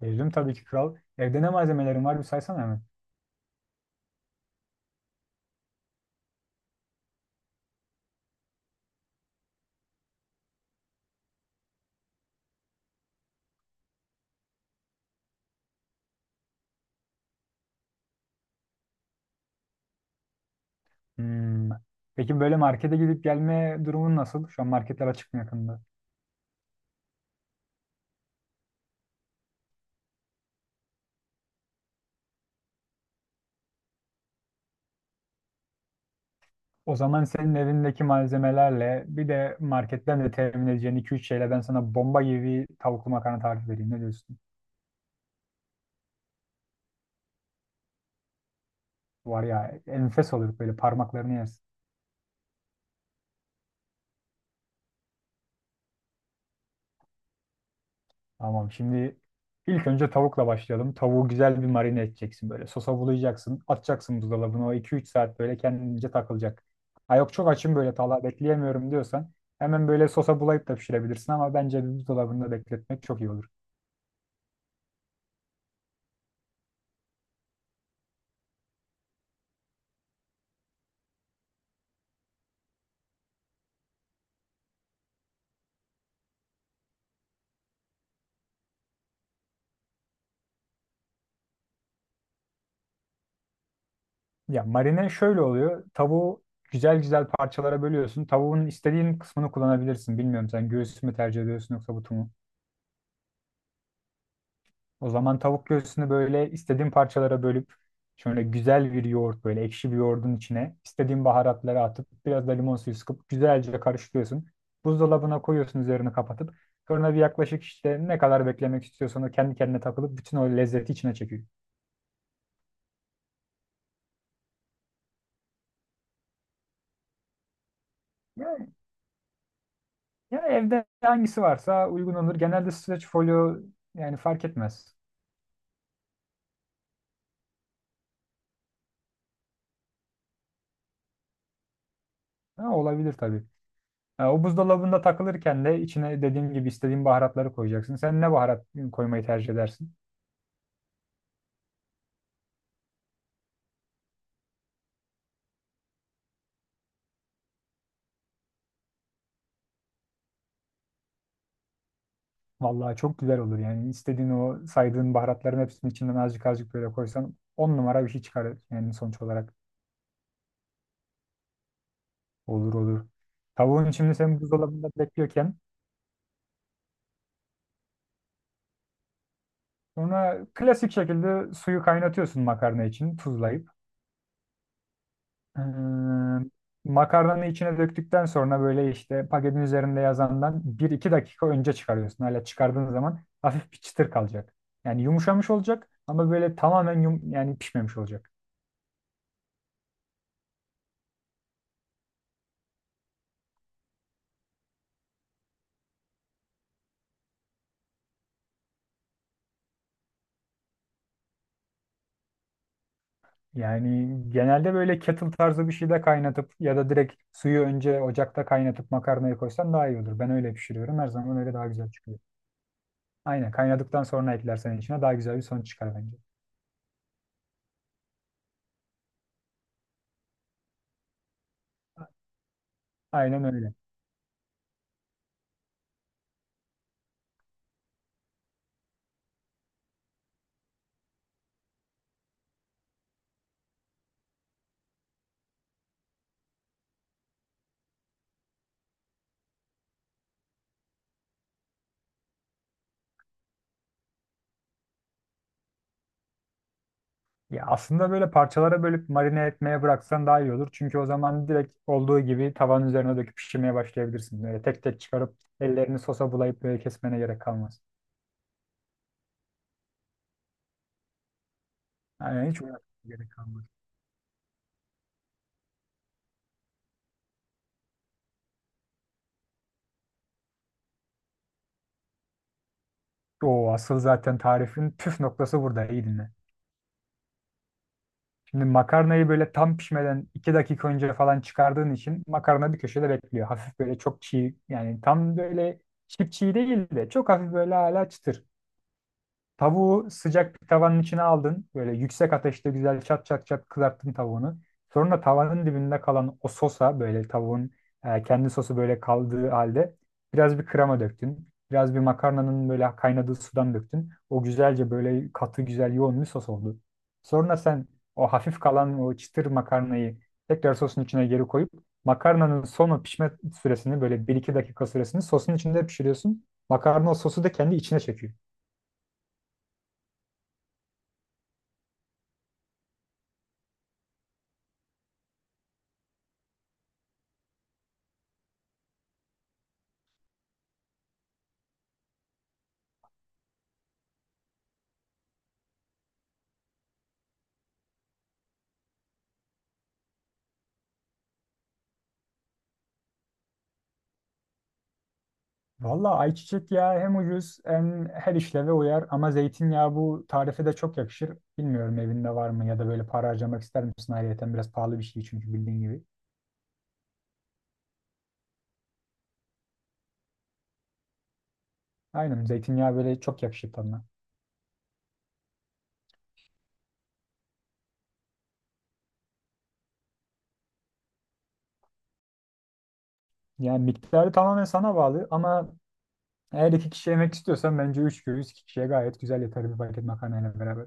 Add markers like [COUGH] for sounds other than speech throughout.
Gezdim tabii ki kral. Evde ne malzemelerin var bir saysana hemen. Hmm. Peki böyle markete gidip gelme durumun nasıl? Şu an marketler açık mı yakında? O zaman senin evindeki malzemelerle bir de marketten de temin edeceğin 2-3 şeyle ben sana bomba gibi bir tavuklu makarna tarifi vereyim. Ne diyorsun? Var ya enfes olur böyle parmaklarını yersin. Tamam, şimdi ilk önce tavukla başlayalım. Tavuğu güzel bir marine edeceksin böyle. Sosa bulayacaksın. Atacaksın buzdolabına. O 2-3 saat böyle kendince takılacak. Ha yok, çok açım böyle tala bekleyemiyorum diyorsan hemen böyle sosa bulayıp da pişirebilirsin ama bence bir buzdolabında bekletmek çok iyi olur. Ya marine şöyle oluyor. Tavuğu güzel güzel parçalara bölüyorsun. Tavuğun istediğin kısmını kullanabilirsin. Bilmiyorum, sen göğsü mü tercih ediyorsun yoksa butu mu? O zaman tavuk göğsünü böyle istediğin parçalara bölüp şöyle güzel bir yoğurt, böyle ekşi bir yoğurdun içine istediğin baharatları atıp biraz da limon suyu sıkıp güzelce karıştırıyorsun. Buzdolabına koyuyorsun üzerini kapatıp, sonra bir yaklaşık işte ne kadar beklemek istiyorsan o kendi kendine takılıp bütün o lezzeti içine çekiyor. Ya, ya, evde hangisi varsa uygun olur. Genelde streç folyo, yani fark etmez. Ha, olabilir tabii. Ha, o buzdolabında takılırken de içine dediğim gibi istediğin baharatları koyacaksın. Sen ne baharat koymayı tercih edersin? Vallahi çok güzel olur yani. İstediğin o saydığın baharatların hepsinin içinden azıcık azıcık böyle koysan on numara bir şey çıkar yani sonuç olarak. Olur olur. Tavuğun şimdi sen buzdolabında bekliyorken sonra klasik şekilde suyu kaynatıyorsun makarna için tuzlayıp. Ee, Makarnanı içine döktükten sonra böyle işte paketin üzerinde yazandan bir iki dakika önce çıkarıyorsun. Hala çıkardığın zaman hafif bir çıtır kalacak. Yani yumuşamış olacak ama böyle tamamen yum, yani pişmemiş olacak. Yani genelde böyle kettle tarzı bir şeyde kaynatıp ya da direkt suyu önce ocakta kaynatıp makarnayı koysan daha iyi olur. Ben öyle pişiriyorum. Her zaman öyle daha güzel çıkıyor. Aynen, kaynadıktan sonra eklersen içine daha güzel bir sonuç çıkar bence. Aynen öyle. Ya aslında böyle parçalara bölüp marine etmeye bıraksan daha iyi olur. Çünkü o zaman direkt olduğu gibi tavanın üzerine döküp pişirmeye başlayabilirsin. Böyle tek tek çıkarıp ellerini sosa bulayıp böyle kesmene gerek kalmaz. Aynen, hiç uğraşmana gerek kalmaz. O asıl zaten tarifin püf noktası burada. İyi dinle. Şimdi makarnayı böyle tam pişmeden 2 dakika önce falan çıkardığın için makarna bir köşede bekliyor. Hafif böyle çok çiğ, yani tam böyle çiğ çiğ değil de çok hafif böyle hala çıtır. Tavuğu sıcak bir tavanın içine aldın. Böyle yüksek ateşte güzel çat çat çat kızarttın tavuğunu. Sonra tavanın dibinde kalan o sosa böyle tavuğun kendi sosu böyle kaldığı halde biraz bir krema döktün. Biraz bir makarnanın böyle kaynadığı sudan döktün. O güzelce böyle katı güzel yoğun bir sos oldu. Sonra sen o hafif kalan o çıtır makarnayı tekrar sosun içine geri koyup makarnanın son o pişme süresini böyle bir iki dakika süresini sosun içinde pişiriyorsun. Makarna o sosu da kendi içine çekiyor. Valla ayçiçek yağı hem ucuz hem her işleve uyar ama zeytinyağı bu tarife de çok yakışır. Bilmiyorum evinde var mı ya da böyle para harcamak ister misin? Ayrıca biraz pahalı bir şey çünkü bildiğin gibi. Aynen, zeytinyağı böyle çok yakışır tadına. Yani miktarı tamamen sana bağlı ama eğer iki kişi yemek istiyorsan bence üç göğüs iki kişiye gayet güzel yeter bir paket makarnayla beraber.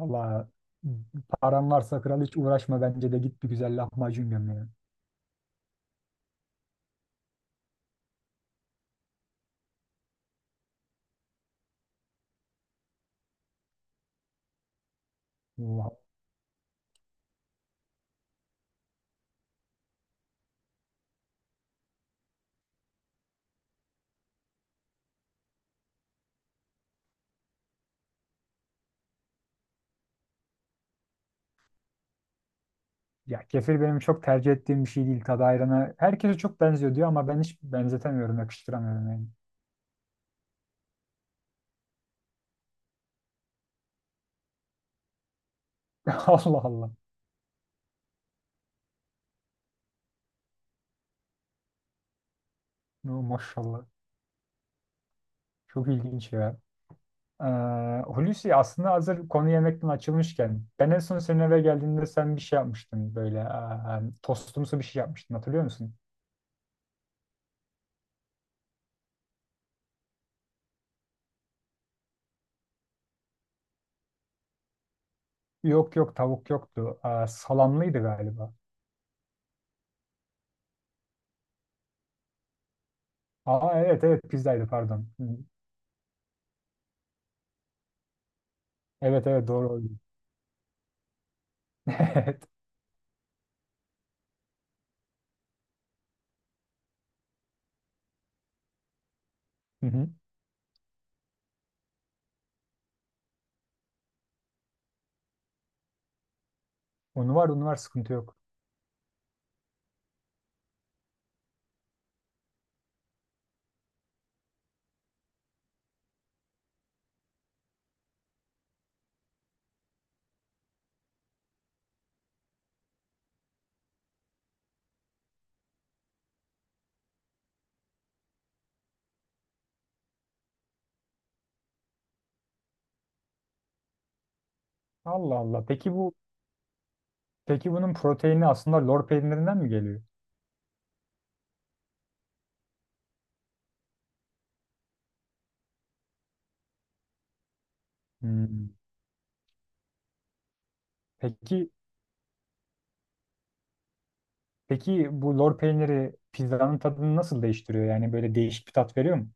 Valla, paran varsa kral hiç uğraşma, bence de git bir güzel lahmacun göm ya. Ya kefir benim çok tercih ettiğim bir şey değil. Tadı ayrana herkese çok benziyor diyor ama ben hiç benzetemiyorum, yakıştıramıyorum yani. [LAUGHS] Allah Allah. No, maşallah. Çok ilginç ya. Hulusi, aslında hazır konu yemekten açılmışken ben en son senin eve geldiğinde sen bir şey yapmıştın böyle, aa, tostumsu bir şey yapmıştın, hatırlıyor musun? Yok yok, tavuk yoktu. Aa, salamlıydı galiba. Aa, evet evet, pizzaydı, pardon. Hı. Evet evet, doğru oldu. [LAUGHS] Evet. Hı hı. Unu var, unu var, sıkıntı yok. Allah Allah. Peki bunun proteini aslında lor peynirinden mi geliyor? Hmm. Peki peki bu lor peyniri pizzanın tadını nasıl değiştiriyor? Yani böyle değişik bir tat veriyor mu?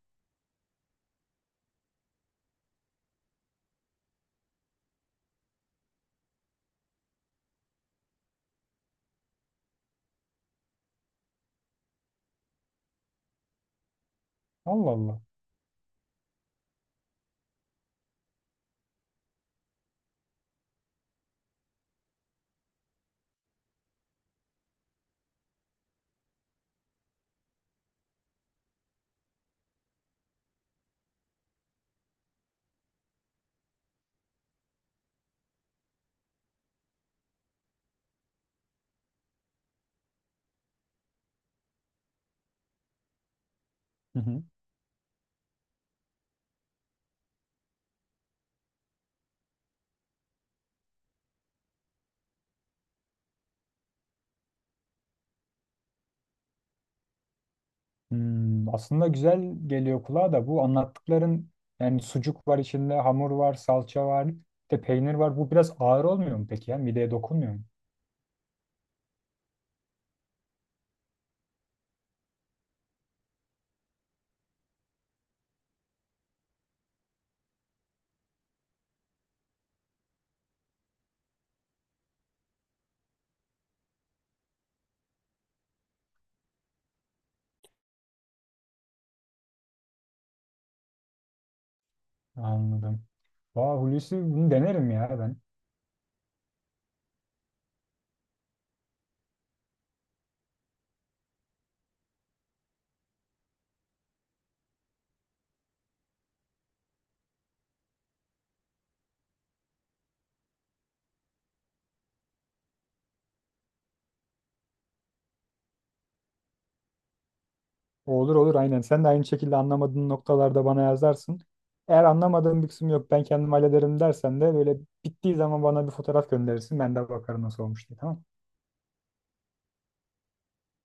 Allah Allah. Hı hı. Hmm, aslında güzel geliyor kulağa da bu anlattıkların, yani sucuk var içinde, hamur var, salça var, bir de peynir var. Bu biraz ağır olmuyor mu peki ya? Mideye dokunmuyor mu? Anladım. Vah Hulusi, bunu denerim ya ben. Olur olur, aynen. Sen de aynı şekilde anlamadığın noktalarda bana yazarsın. Eğer anlamadığım bir kısım yok, ben kendim hallederim dersen de böyle bittiği zaman bana bir fotoğraf gönderirsin. Ben de bakarım nasıl olmuş diye. Tamam.